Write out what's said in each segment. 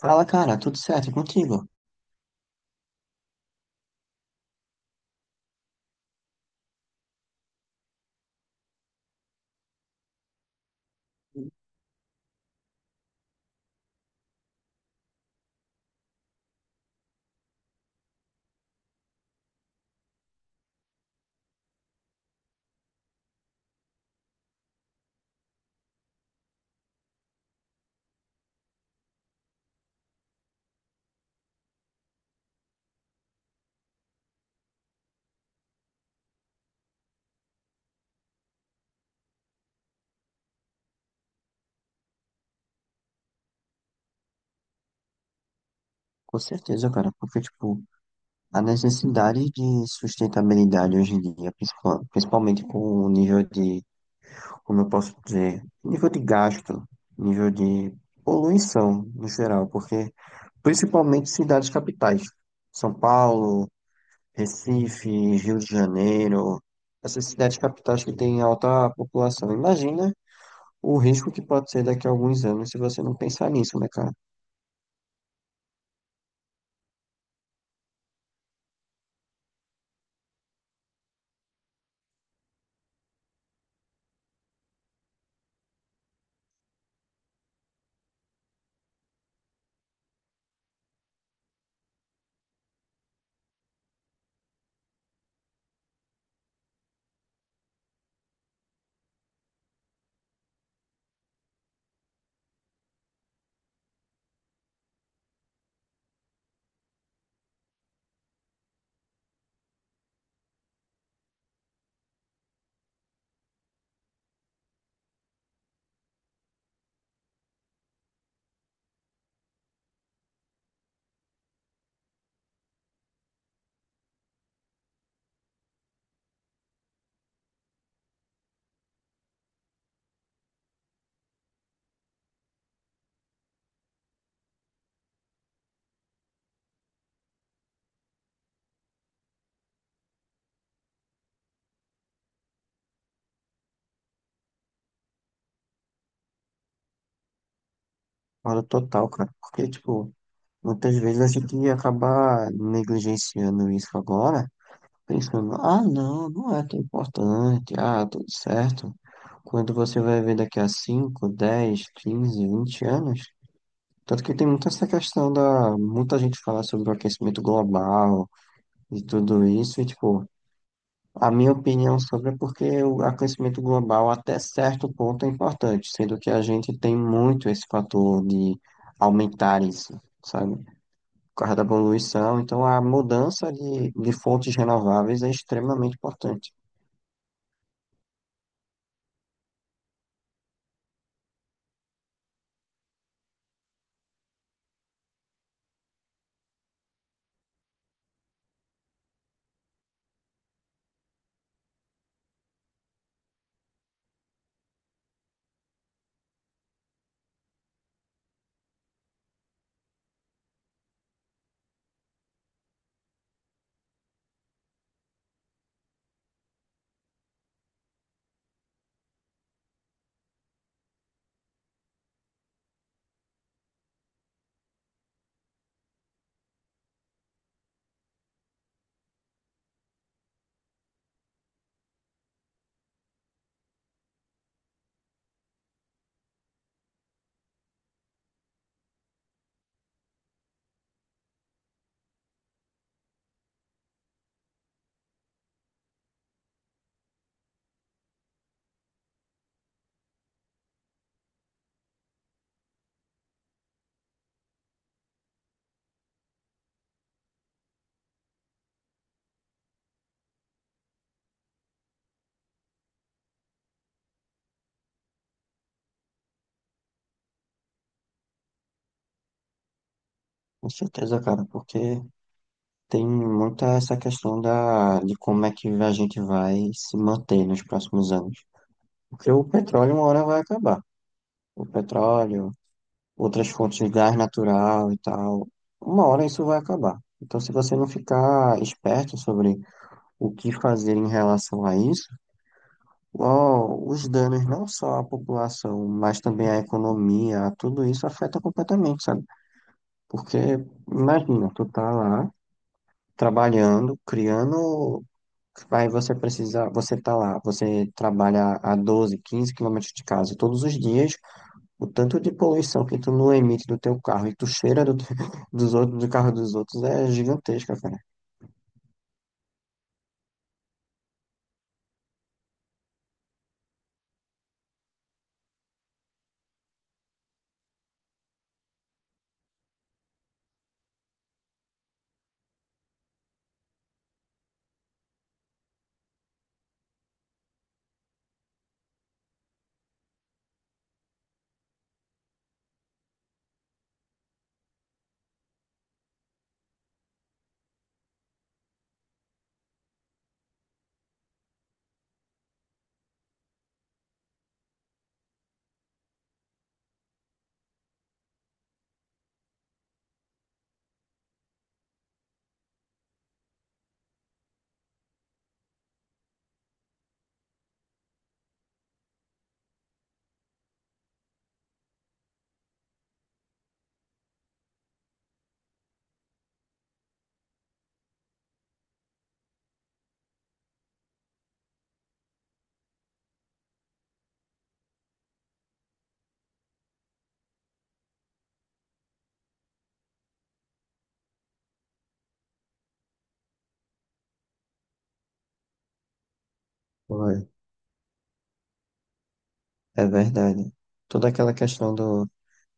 Fala, cara, tudo certo e contigo? Com certeza, cara, porque, tipo, a necessidade de sustentabilidade hoje em dia, principalmente com o nível de, como eu posso dizer, nível de gasto, nível de poluição no geral, porque principalmente cidades capitais, São Paulo, Recife, Rio de Janeiro, essas cidades capitais que têm alta população. Imagina o risco que pode ser daqui a alguns anos se você não pensar nisso, né, cara? Concordo total, cara. Porque, tipo, muitas vezes a gente acaba negligenciando isso agora, pensando, ah, não, não é tão importante, ah, tá tudo certo. Quando você vai ver daqui a 5 10 15 20 anos, tanto que tem muita essa questão da, muita gente fala sobre o aquecimento global e tudo isso, e, tipo, a minha opinião sobre é porque o aquecimento global até certo ponto é importante, sendo que a gente tem muito esse fator de aumentar isso, sabe? Por causa da poluição, então a mudança de fontes renováveis é extremamente importante. Com certeza, cara, porque tem muita essa questão da, de como é que a gente vai se manter nos próximos anos. Porque o petróleo uma hora vai acabar. O petróleo, outras fontes de gás natural e tal. Uma hora isso vai acabar. Então, se você não ficar esperto sobre o que fazer em relação a isso, ó, os danos não só à população, mas também à economia, tudo isso afeta completamente, sabe? Porque, imagina, tu tá lá trabalhando, criando. Aí você precisa, você tá lá, você trabalha a 12 15 quilômetros de casa todos os dias. O tanto de poluição que tu não emite do teu carro e tu cheira do, dos outros, do carro dos outros é gigantesca, cara. Pô, é é verdade. Toda aquela questão do.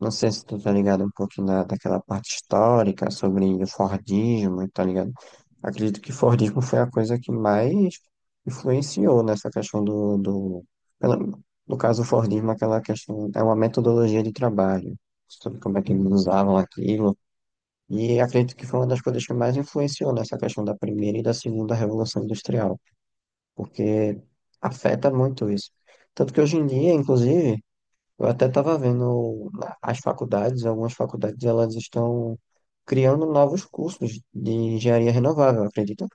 Não sei se tu tá ligado um pouquinho da, daquela parte histórica sobre o Fordismo, tá ligado? Acredito que Fordismo foi a coisa que mais influenciou nessa questão do pela- no caso, o Fordismo, aquela questão, é uma metodologia de trabalho, sobre como é que eles usavam aquilo. E acredito que foi uma das coisas que mais influenciou nessa questão da primeira e da segunda revolução industrial, porque afeta muito isso. Tanto que hoje em dia, inclusive, eu até estava vendo as faculdades, algumas faculdades, elas estão criando novos cursos de engenharia renovável, acredita?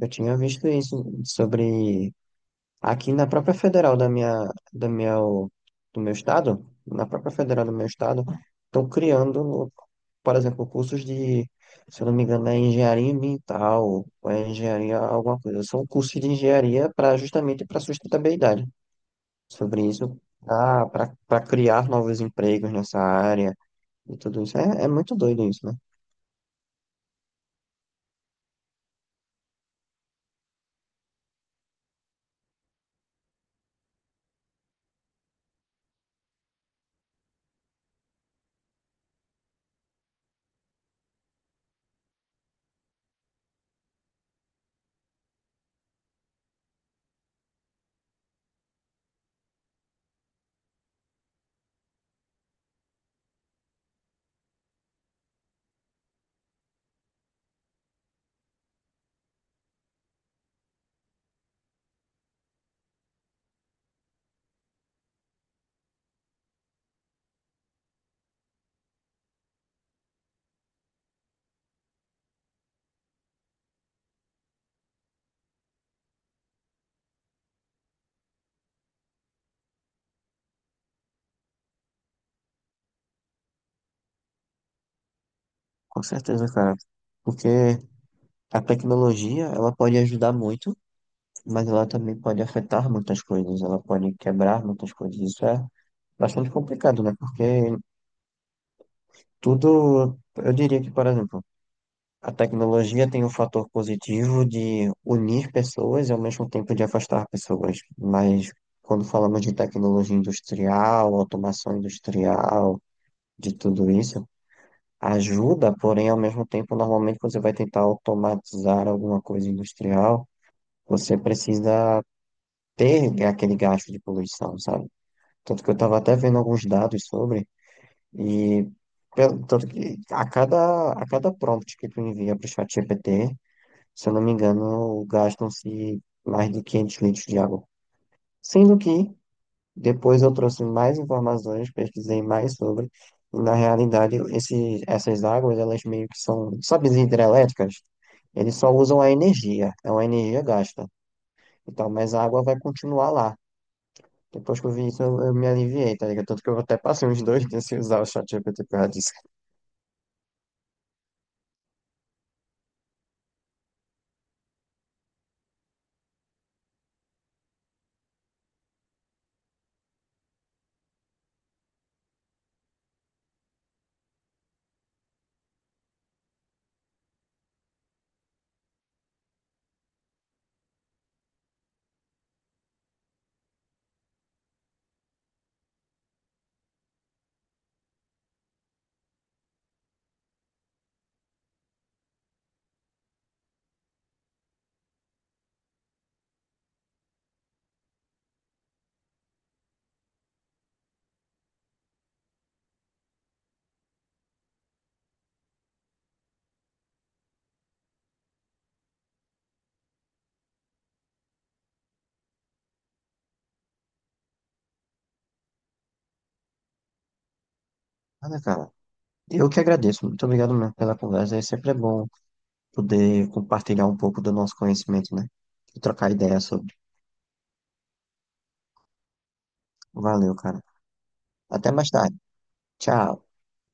Eu tinha visto isso sobre aqui na própria federal da minha, do meu estado, na própria federal do meu estado, estão criando, por exemplo, cursos de, se eu não me engano, é engenharia ambiental, ou é engenharia alguma coisa. São cursos de engenharia para justamente para sustentabilidade. Sobre isso, para criar novos empregos nessa área e tudo isso. É, é muito doido isso, né? Com certeza, cara. Porque a tecnologia, ela pode ajudar muito, mas ela também pode afetar muitas coisas, ela pode quebrar muitas coisas. Isso é bastante complicado, né? Porque tudo, eu diria que, por exemplo, a tecnologia tem o fator positivo de unir pessoas e, ao mesmo tempo, de afastar pessoas. Mas quando falamos de tecnologia industrial, automação industrial, de tudo isso, ajuda, porém ao mesmo tempo, normalmente quando você vai tentar automatizar alguma coisa industrial, você precisa ter aquele gasto de poluição, sabe? Tanto que eu estava até vendo alguns dados sobre e tanto que a cada prompt que tu envia para o ChatGPT, se eu não me engano, gastam-se mais de 500 litros de água. Sendo que, depois eu trouxe mais informações, pesquisei mais sobre, e na realidade, esse, essas águas, elas meio que são, sabe, as hidrelétricas? Eles só usam a energia, é uma energia gasta. Então, mas a água vai continuar lá. Depois que eu vi isso, eu, me aliviei, tá ligado? Tanto que eu até passei uns dois dias sem usar o ChatGPT por causa disso. Nada, cara. Eu que agradeço. Muito obrigado mesmo pela conversa. É sempre bom poder compartilhar um pouco do nosso conhecimento, né? E trocar ideias sobre. Valeu, cara. Até mais tarde. Tchau.